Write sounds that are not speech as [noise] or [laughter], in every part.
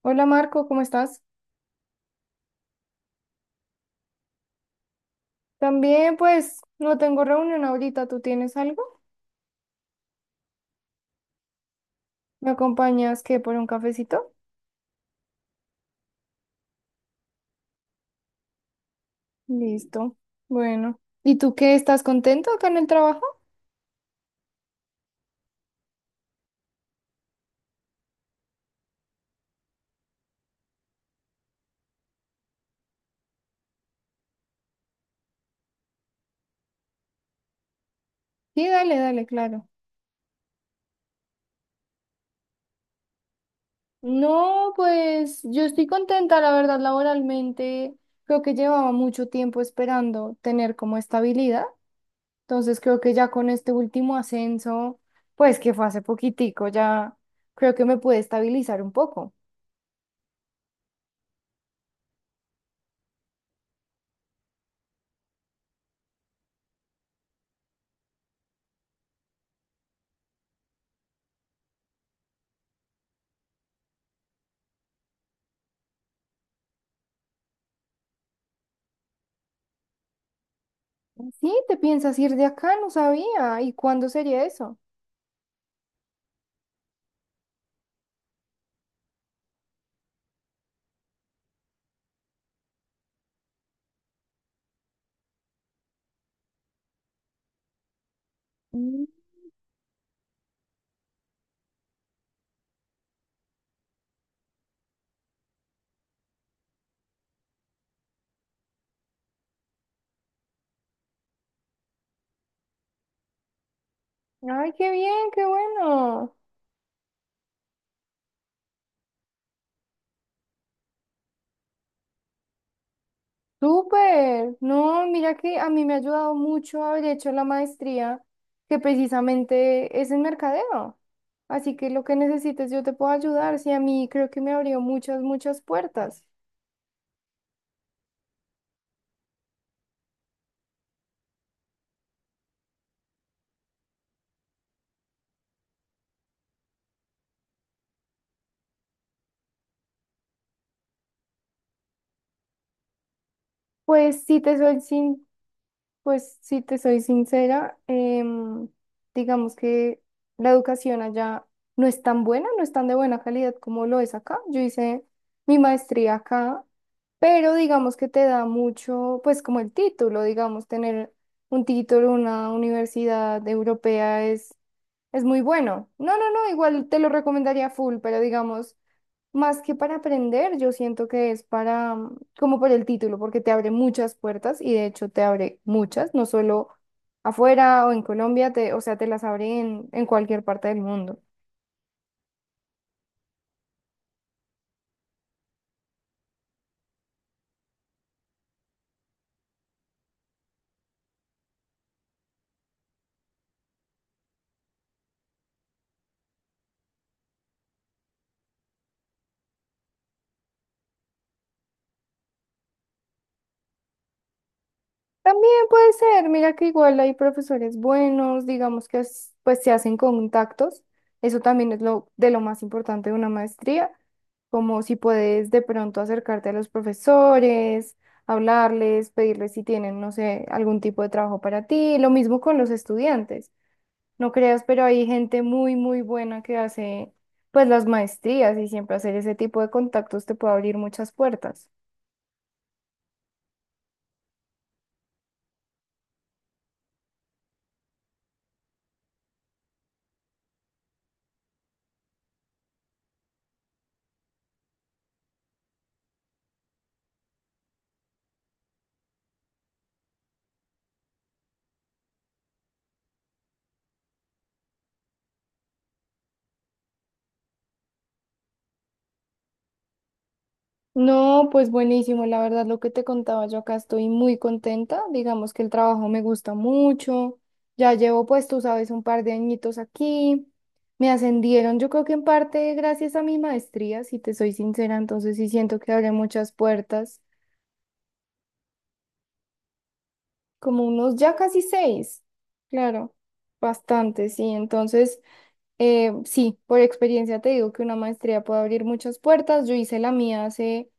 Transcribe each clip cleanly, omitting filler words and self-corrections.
Hola Marco, ¿cómo estás? También, pues no tengo reunión ahorita. ¿Tú tienes algo? ¿Me acompañas qué por un cafecito? Listo. Bueno. ¿Y tú qué? ¿Estás contento acá en el trabajo? Sí, dale, claro. No, pues yo estoy contenta, la verdad, laboralmente. Creo que llevaba mucho tiempo esperando tener como estabilidad. Entonces creo que ya con este último ascenso, pues que fue hace poquitico, ya creo que me puede estabilizar un poco. Sí, te piensas ir de acá, no sabía. ¿Y cuándo sería eso? Mm. Ay, qué bien, qué bueno. Súper. No, mira que a mí me ha ayudado mucho haber hecho la maestría, que precisamente es en mercadeo. Así que lo que necesites yo te puedo ayudar. Sí, a mí creo que me abrió muchas puertas. Pues si te soy sin. Pues si te soy sincera, digamos que la educación allá no es tan buena, no es tan de buena calidad como lo es acá. Yo hice mi maestría acá, pero digamos que te da mucho, pues como el título, digamos, tener un título en una universidad europea es muy bueno. No, no, no, igual te lo recomendaría full, pero digamos... Más que para aprender, yo siento que es para, mm, como por el título, porque te abre muchas puertas y de hecho te abre muchas, no solo afuera o en Colombia, te, o sea, te las abre en cualquier parte del mundo. También puede ser, mira que igual hay profesores buenos, digamos que pues se hacen contactos, eso también es lo de lo más importante de una maestría, como si puedes de pronto acercarte a los profesores, hablarles, pedirles si tienen, no sé, algún tipo de trabajo para ti, lo mismo con los estudiantes, no creas, pero hay gente muy, muy buena que hace pues las maestrías, y siempre hacer ese tipo de contactos te puede abrir muchas puertas. No, pues buenísimo, la verdad lo que te contaba, yo acá estoy muy contenta, digamos que el trabajo me gusta mucho, ya llevo, pues tú sabes, un par de añitos aquí, me ascendieron, yo creo que en parte gracias a mi maestría, si te soy sincera, entonces sí siento que abre muchas puertas, como unos ya casi seis, claro, bastante, sí, entonces sí, por experiencia te digo que una maestría puede abrir muchas puertas. Yo hice la mía hace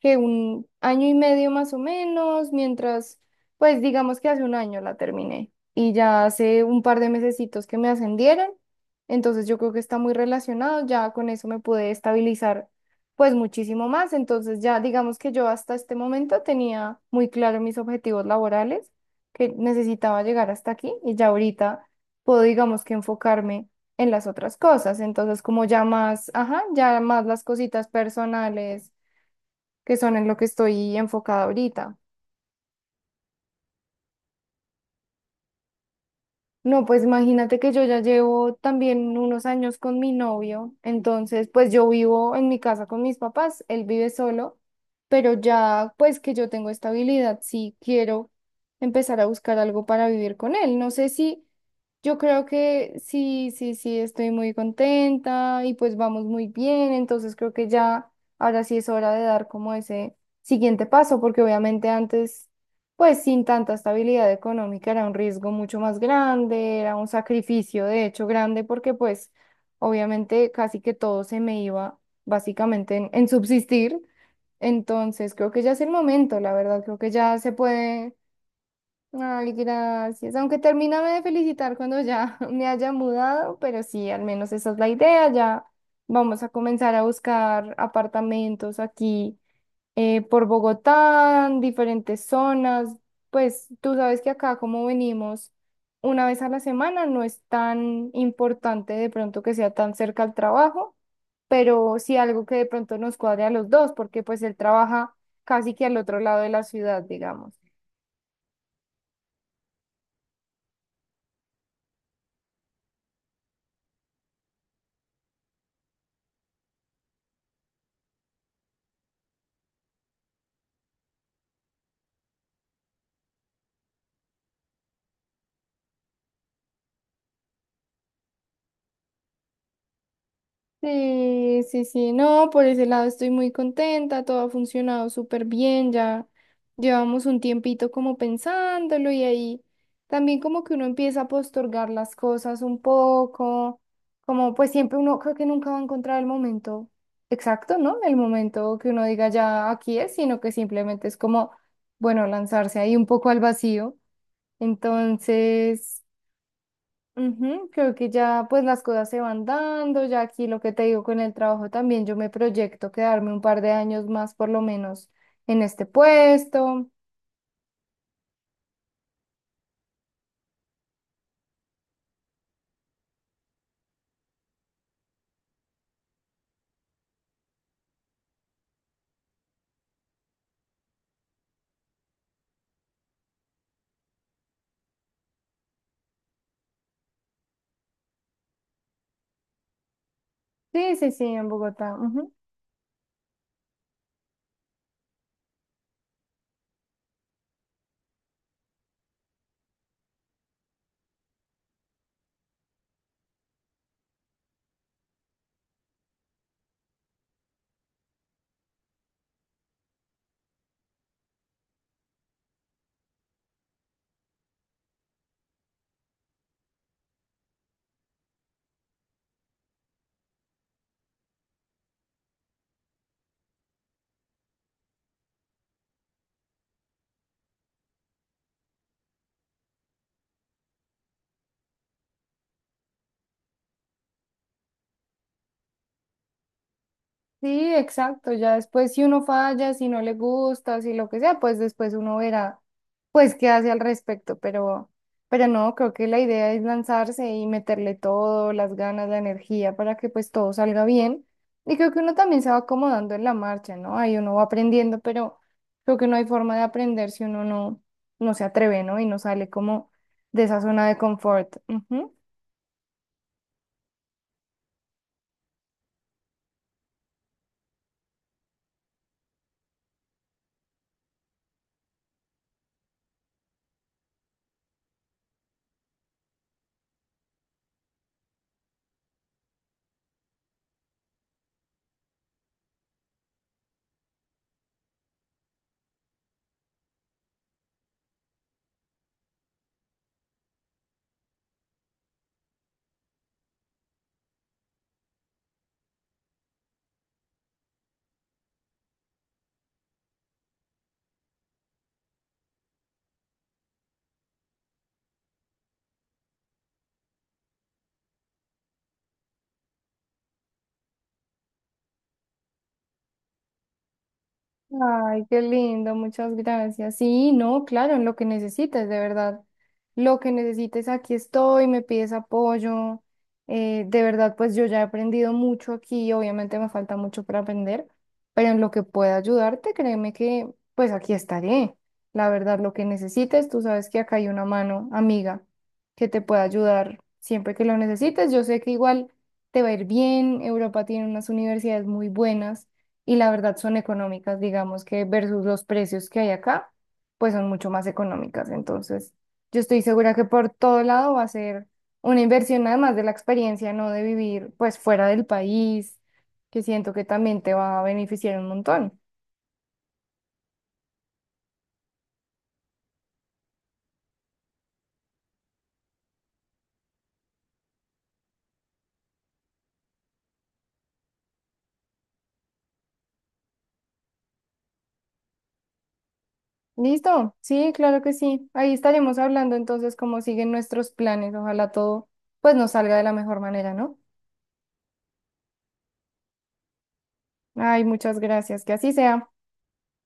que un año y medio más o menos, mientras, pues digamos que hace un año la terminé, y ya hace un par de mesecitos que me ascendieron, entonces yo creo que está muy relacionado. Ya con eso me pude estabilizar pues muchísimo más, entonces ya digamos que yo hasta este momento tenía muy claro mis objetivos laborales, que necesitaba llegar hasta aquí, y ya ahorita puedo digamos que enfocarme en las otras cosas, entonces como ya más, ajá, ya más las cositas personales, que son en lo que estoy enfocada ahorita. No, pues imagínate que yo ya llevo también unos años con mi novio, entonces pues yo vivo en mi casa con mis papás, él vive solo, pero ya pues que yo tengo estabilidad, sí quiero empezar a buscar algo para vivir con él. No sé si, yo creo que sí, sí, sí, estoy muy contenta y pues vamos muy bien, entonces creo que ya ahora sí es hora de dar como ese siguiente paso, porque obviamente antes pues sin tanta estabilidad económica era un riesgo mucho más grande, era un sacrificio de hecho grande, porque pues obviamente casi que todo se me iba básicamente en subsistir. Entonces creo que ya es el momento, la verdad, creo que ya se puede. Ay, gracias. Aunque termíname de felicitar cuando ya [laughs] me haya mudado, pero sí, al menos esa es la idea. Ya vamos a comenzar a buscar apartamentos aquí por Bogotá, en diferentes zonas. Pues tú sabes que acá como venimos una vez a la semana, no es tan importante de pronto que sea tan cerca al trabajo, pero sí algo que de pronto nos cuadre a los dos, porque pues él trabaja casi que al otro lado de la ciudad, digamos. Sí, sí, sí, no, por ese lado estoy muy contenta, todo ha funcionado súper bien, ya llevamos un tiempito como pensándolo, y ahí también como que uno empieza a postergar las cosas un poco, como pues siempre uno creo que nunca va a encontrar el momento exacto, ¿no? El momento que uno diga ya aquí es, sino que simplemente es como, bueno, lanzarse ahí un poco al vacío. Entonces... Ujú. Creo que ya pues las cosas se van dando, ya aquí lo que te digo con el trabajo también, yo me proyecto quedarme un par de años más por lo menos en este puesto. Sí, sí, sí, en Bogotá. Sí, exacto. Ya después, si uno falla, si no le gusta, si lo que sea, pues después uno verá, pues qué hace al respecto. Pero no, creo que la idea es lanzarse y meterle todo, las ganas, la energía, para que pues todo salga bien. Y creo que uno también se va acomodando en la marcha, ¿no? Ahí uno va aprendiendo, pero creo que no hay forma de aprender si uno no, no se atreve, ¿no? Y no sale como de esa zona de confort. Ujú. Ay, qué lindo, muchas gracias. Sí, no, claro, en lo que necesites, de verdad. Lo que necesites, aquí estoy, me pides apoyo. De verdad, pues yo ya he aprendido mucho aquí, obviamente me falta mucho para aprender, pero en lo que pueda ayudarte, créeme que pues aquí estaré. La verdad, lo que necesites, tú sabes que acá hay una mano amiga que te pueda ayudar siempre que lo necesites. Yo sé que igual te va a ir bien, Europa tiene unas universidades muy buenas, y la verdad son económicas, digamos que versus los precios que hay acá, pues son mucho más económicas. Entonces, yo estoy segura que por todo lado va a ser una inversión, además de la experiencia, no, de vivir pues fuera del país, que siento que también te va a beneficiar un montón. ¿Listo? Sí, claro que sí. Ahí estaremos hablando entonces cómo siguen nuestros planes. Ojalá todo pues nos salga de la mejor manera, ¿no? Ay, muchas gracias. Que así sea.